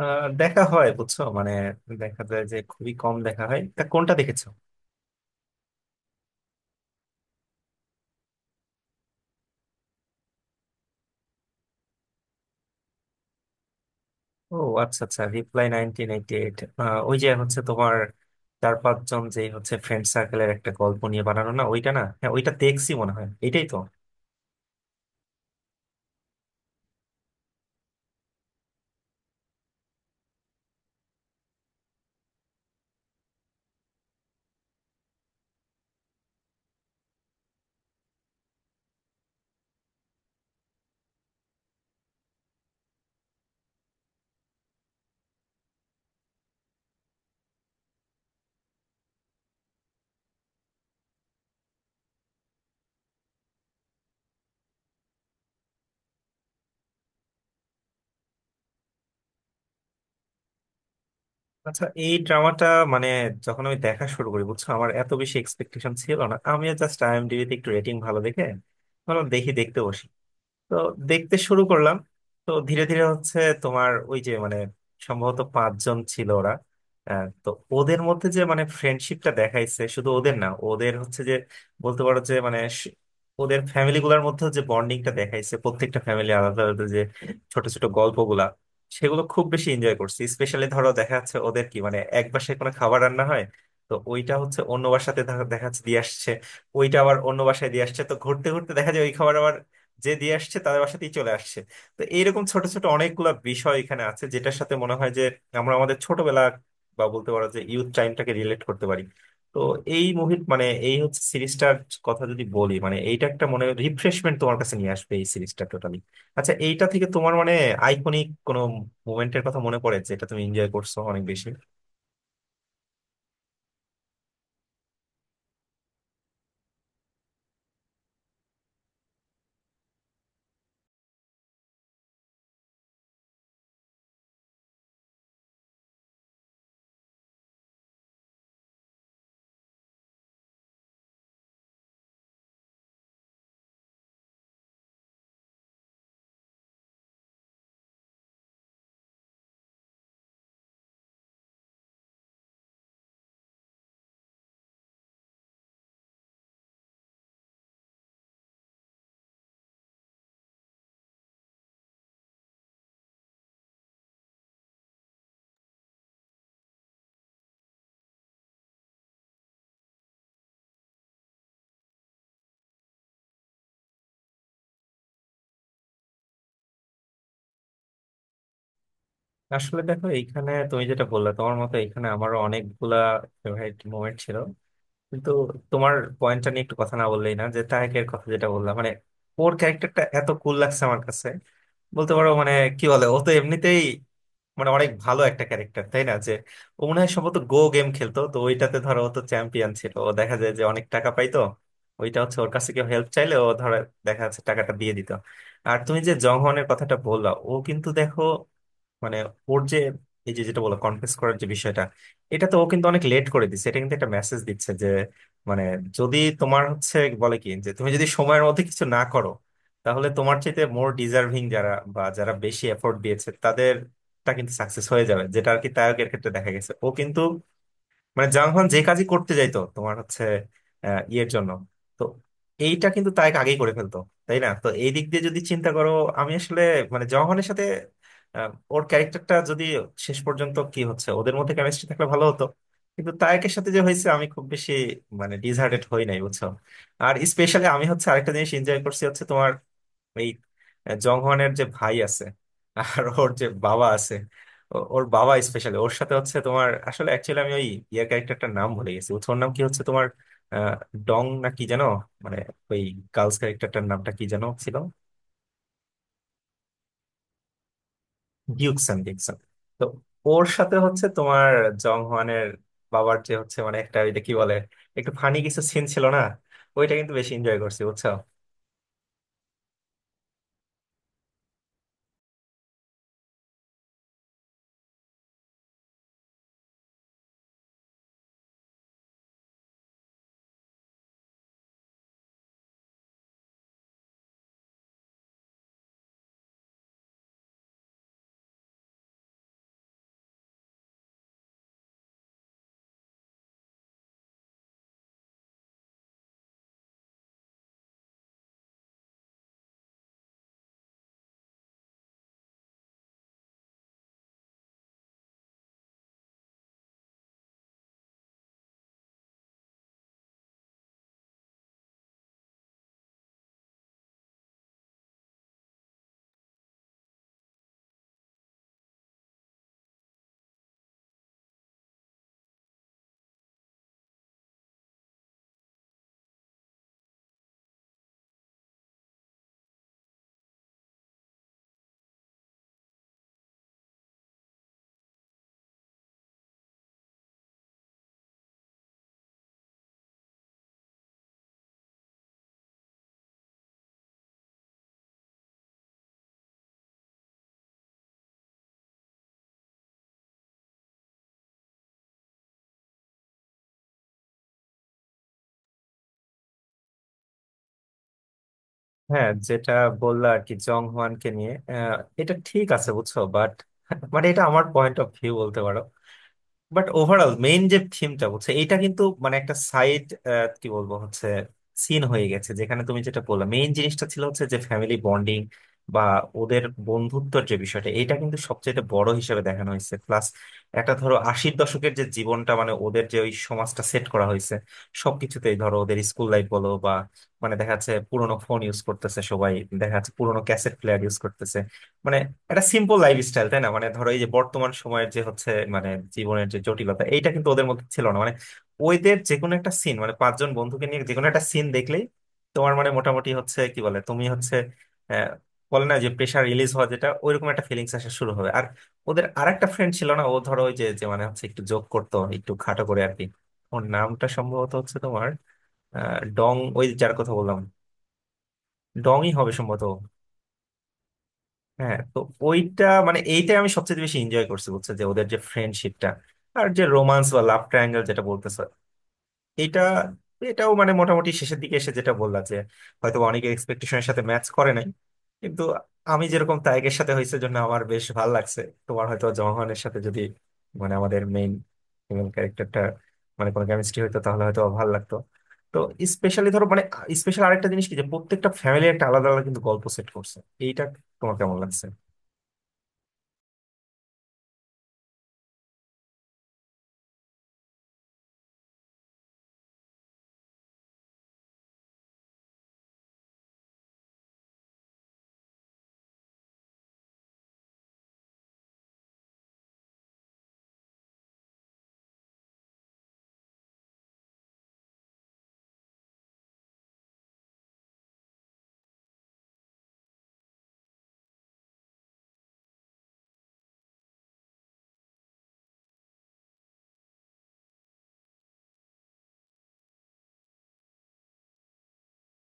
দেখা হয় বুঝছো, মানে দেখা যায় যে খুবই কম দেখা হয়। তা কোনটা দেখেছো? ও, আচ্ছা আচ্ছা, রিপ্লাই 1988। ওই যে হচ্ছে তোমার চার পাঁচজন যে হচ্ছে ফ্রেন্ড সার্কেলের একটা গল্প নিয়ে বানানো, না? ওইটা না? হ্যাঁ ওইটা, দেখছি মনে হয় এটাই তো। আচ্ছা, এই ড্রামাটা মানে যখন আমি দেখা শুরু করি বুঝছো, আমার এত বেশি এক্সপেকটেশন ছিল না। আমি জাস্ট আইএমডিবিতে একটু রেটিং ভালো দেখে ভাবলাম দেখি দেখতে বসি। তো দেখতে শুরু করলাম। তো ধীরে ধীরে হচ্ছে তোমার ওই যে মানে সম্ভবত পাঁচজন ছিল ওরা। তো ওদের মধ্যে যে মানে ফ্রেন্ডশিপটা দেখাইছে, শুধু ওদের না, ওদের হচ্ছে যে বলতে পারো যে মানে ওদের ফ্যামিলি গুলার মধ্যে যে বন্ডিংটা দেখাইছে, প্রত্যেকটা ফ্যামিলি আলাদা আলাদা, যে ছোট ছোট গল্পগুলা, সেগুলো খুব বেশি এনজয় করছি। স্পেশালি ধরো দেখা যাচ্ছে ওদের কি মানে এক বাসায় কোনো খাবার রান্না হয়, তো ওইটা হচ্ছে অন্য বাসাতে দেখা দেখা যাচ্ছে দিয়ে আসছে, ওইটা আবার অন্য বাসায় দিয়ে আসছে, তো ঘুরতে ঘুরতে দেখা যায় যে দিয়ে আসছে তাদের বাসাতেই চলে আসছে। তো এইরকম ছোট ছোট অনেকগুলা বিষয় এখানে আছে যেটার সাথে মনে হয় যে আমরা আমাদের ছোটবেলা বা বলতে পারো যে ইউথ টাইমটাকে রিলেট করতে পারি। তো এই মুভির মানে এই হচ্ছে সিরিজটার কথা যদি বলি, মানে এইটা একটা মনে রিফ্রেশমেন্ট তোমার কাছে নিয়ে আসবে এই সিরিজটা টোটালি। আচ্ছা, এইটা থেকে তোমার মানে আইকনিক কোনো মুভমেন্টের কথা মনে পড়ে যেটা তুমি এনজয় করছো অনেক বেশি? আসলে দেখো, এইখানে তুমি যেটা বললে তোমার মতো এইখানে আমারও অনেকগুলা ফেভারিট মোমেন্ট ছিল। কিন্তু তোমার পয়েন্টটা নিয়ে একটু কথা না বললেই না, যে তাহেকের কথা যেটা বললাম, মানে ওর ক্যারেক্টারটা এত কুল লাগছে আমার কাছে। বলতে পারো মানে, কি বলে, ও তো এমনিতেই মানে অনেক ভালো একটা ক্যারেক্টার, তাই না? যে ও মনে হয় সম্ভবত গো গেম খেলতো, তো ওইটাতে ধরো ও তো চ্যাম্পিয়ন ছিল, ও দেখা যায় যে অনেক টাকা পাইতো। ওইটা হচ্ছে ওর কাছে কেউ হেল্প চাইলে ও ধরো দেখা যাচ্ছে টাকাটা দিয়ে দিত। আর তুমি যে জংহনের কথাটা বললা, ও কিন্তু দেখো মানে ওর যে এই যে যেটা বলো কনফেস করার যে বিষয়টা, এটা তো ও কিন্তু অনেক লেট করে দিচ্ছে, এটা কিন্তু একটা মেসেজ দিচ্ছে যে, মানে যদি তোমার হচ্ছে বলে কি যে তুমি যদি সময়ের মধ্যে কিছু না করো, তাহলে তোমার চাইতে মোর ডিজার্ভিং যারা বা যারা বেশি এফোর্ট দিয়েছে তাদেরটা কিন্তু সাকসেস হয়ে যাবে, যেটা আর কি তারকের ক্ষেত্রে দেখা গেছে। ও কিন্তু মানে জাংহান যে কাজই করতে যাইতো তোমার হচ্ছে ইয়ের জন্য, তো এইটা কিন্তু তাই আগেই করে ফেলতো, তাই না? তো এই দিক দিয়ে যদি চিন্তা করো, আমি আসলে মানে জংহনের সাথে ওর ক্যারেক্টারটা যদি শেষ পর্যন্ত কি হচ্ছে ওদের মধ্যে কেমিস্ট্রি থাকলে ভালো হতো। কিন্তু তায়েকের সাথে যে হয়েছে আমি খুব বেশি মানে ডিসহার্টেড হই নাই বুঝছো। আর স্পেশালি আমি হচ্ছে আরেকটা জিনিস এনজয় করছি হচ্ছে তোমার এই জংহনের যে ভাই আছে, আর ওর যে বাবা আছে। ওর বাবা স্পেশালি ওর সাথে হচ্ছে তোমার আসলে অ্যাকচুয়ালি আমি ওই ইয়ে ক্যারেক্টারটার নাম ভুলে গেছি। ওর ওর নাম কি হচ্ছে তোমার আহ, ডং না কি যেন, মানে ওই গার্লস ক্যারেক্টারটার নামটা কি যেন ছিল? ডিউকসন, ডিউকসন। তো ওর সাথে হচ্ছে তোমার জংহনের বাবার যে হচ্ছে মানে একটা ওইটা কি বলে একটু ফানি কিছু সিন ছিল না, ওইটা কিন্তু বেশি এনজয় করছি বুঝছো। হ্যাঁ, যেটা বললা আর কি জং হোয়ানকে নিয়ে, এটা ঠিক আছে বুঝছো, বাট মানে এটা আমার পয়েন্ট অফ ভিউ বলতে পারো। বাট ওভারঅল মেইন যে থিমটা বলছে এটা কিন্তু মানে একটা সাইড, কি বলবো হচ্ছে, সিন হয়ে গেছে, যেখানে তুমি যেটা বললে মেইন জিনিসটা ছিল হচ্ছে যে ফ্যামিলি বন্ডিং বা ওদের বন্ধুত্বর যে বিষয়টা, এটা কিন্তু সবচেয়ে বড় হিসেবে দেখানো হয়েছে। প্লাস একটা ধরো আশির দশকের যে জীবনটা মানে ওদের যে ওই সমাজটা সেট করা হয়েছে। সবকিছুতেই ধরো ওদের স্কুল লাইফ বলো বা মানে দেখা যাচ্ছে পুরোনো ফোন ইউজ করতেছে সবাই, দেখা যাচ্ছে পুরোনো ক্যাসেট প্লেয়ার ইউজ করতেছে। মানে একটা সিম্পল লাইফ স্টাইল, তাই না? মানে ধরো এই যে বর্তমান সময়ের যে হচ্ছে মানে জীবনের যে জটিলতা এইটা কিন্তু ওদের মধ্যে ছিল না, মানে ওদের যে কোনো একটা সিন মানে পাঁচজন বন্ধুকে নিয়ে যে কোনো একটা সিন দেখলেই তোমার মানে মোটামুটি হচ্ছে কি বলে, তুমি হচ্ছে আহ, বলে না যে প্রেশার রিলিজ হওয়া, যেটা ওইরকম একটা ফিলিংস আসা শুরু হবে। আর ওদের আরেকটা ফ্রেন্ড ছিল না? ও ধরো ওই যে যে মানে হচ্ছে একটু জোক করতো একটু খাটো করে আর কি। ওর নামটা সম্ভবত হচ্ছে তোমার ডং, ওই যার কথা বললাম। ডংই হবে সম্ভবত। হ্যাঁ, তো ওইটা মানে এইটাই আমি সবচেয়ে বেশি এনজয় করছি বুঝছো, যে ওদের যে ফ্রেন্ডশিপটা আর যে রোমান্স বা লাভ ট্রায়াঙ্গেল যেটা বলতেছে এটা এটাও মানে মোটামুটি শেষের দিকে এসে যেটা বললা যে হয়তো অনেকে এক্সপেকটেশনের সাথে ম্যাচ করে নাই। কিন্তু আমি যেরকম তায়েকের সাথে হয়েছে জন্য আমার বেশ ভালো লাগছে। তোমার হয়তো জহনের সাথে যদি মানে আমাদের মেইন ফিমেল ক্যারেক্টারটা মানে কোনো কেমিস্ট্রি হইতো তাহলে হয়তো ভালো লাগতো। তো স্পেশালি ধরো মানে স্পেশাল আরেকটা জিনিস কি যে প্রত্যেকটা ফ্যামিলি একটা আলাদা আলাদা কিন্তু গল্প সেট করছে, এইটা তোমার কেমন লাগছে?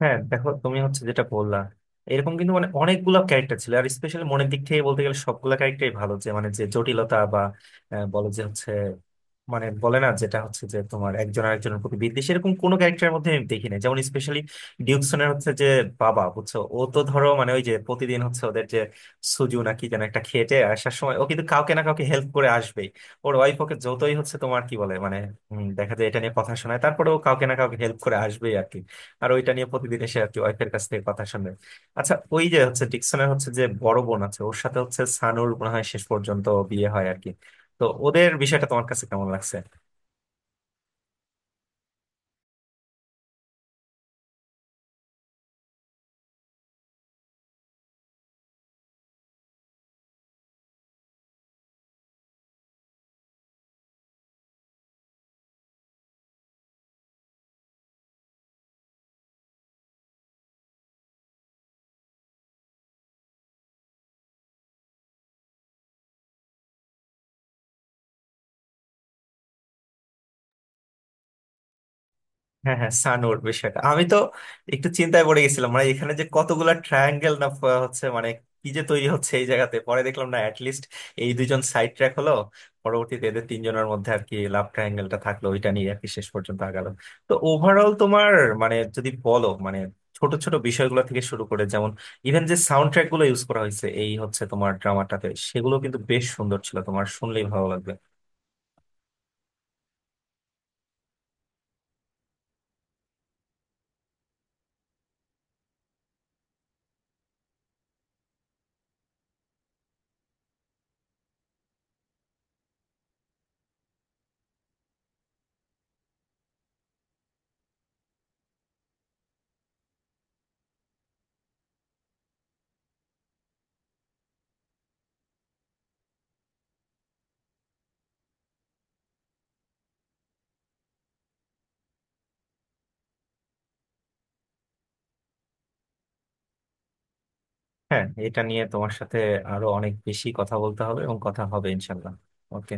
হ্যাঁ দেখো, তুমি হচ্ছে যেটা বললা এরকম কিন্তু মানে অনেকগুলো ক্যারেক্টার ছিল। আর স্পেশালি মনের দিক থেকে বলতে গেলে সবগুলো ক্যারেক্টারই ভালো, যে মানে যে জটিলতা বা বলে যে হচ্ছে মানে বলে না, যেটা হচ্ছে যে তোমার একজন আরেকজনের প্রতি বিদ্বেষ এরকম কোনো ক্যারেক্টারের মধ্যে আমি দেখি না। যেমন স্পেশালি ডিউকসনের হচ্ছে যে বাবা বুঝছো, ও তো ধরো মানে ওই যে প্রতিদিন হচ্ছে ওদের যে সুজু নাকি যেন একটা খেটে আসার সময় ও কিন্তু কাউকে না কাউকে হেল্প করে আসবেই। ওর ওয়াইফ ওকে যতই হচ্ছে তোমার কি বলে মানে দেখা যায় এটা নিয়ে কথা শোনায়, তারপরে ও কাউকে না কাউকে হেল্প করে আসবেই আর কি। আর ওইটা নিয়ে প্রতিদিন এসে আর কি ওয়াইফের কাছ থেকে কথা শুনে। আচ্ছা, ওই যে হচ্ছে ডিকসনের হচ্ছে যে বড় বোন আছে ওর সাথে হচ্ছে সানুর মনে হয় শেষ পর্যন্ত বিয়ে হয় আর কি। তো ওদের বিষয়টা তোমার কাছে কেমন লাগছে? হ্যাঁ হ্যাঁ, সানুর বিষয়টা আমি তো একটু চিন্তায় পড়ে গেছিলাম, মানে এখানে যে কতগুলা ট্রায়াঙ্গেল না হচ্ছে মানে কি যে তৈরি হচ্ছে এই জায়গাতে, পরে দেখলাম না, অ্যাটলিস্ট এই দুইজন সাইড ট্র্যাক হলো। পরবর্তীতে এদের তিনজনের মধ্যে আর কি লাভ ট্রায়াঙ্গেলটা থাকলো, ওইটা নিয়ে আর কি শেষ পর্যন্ত আগালো। তো ওভারঅল তোমার, মানে যদি বলো মানে ছোট ছোট বিষয়গুলো থেকে শুরু করে, যেমন ইভেন যে সাউন্ড ট্র্যাক গুলো ইউজ করা হয়েছে এই হচ্ছে তোমার ড্রামাটাতে, সেগুলো কিন্তু বেশ সুন্দর ছিল, তোমার শুনলেই ভালো লাগবে। হ্যাঁ, এটা নিয়ে তোমার সাথে আরো অনেক বেশি কথা বলতে হবে এবং কথা হবে ইনশাল্লাহ। ওকে।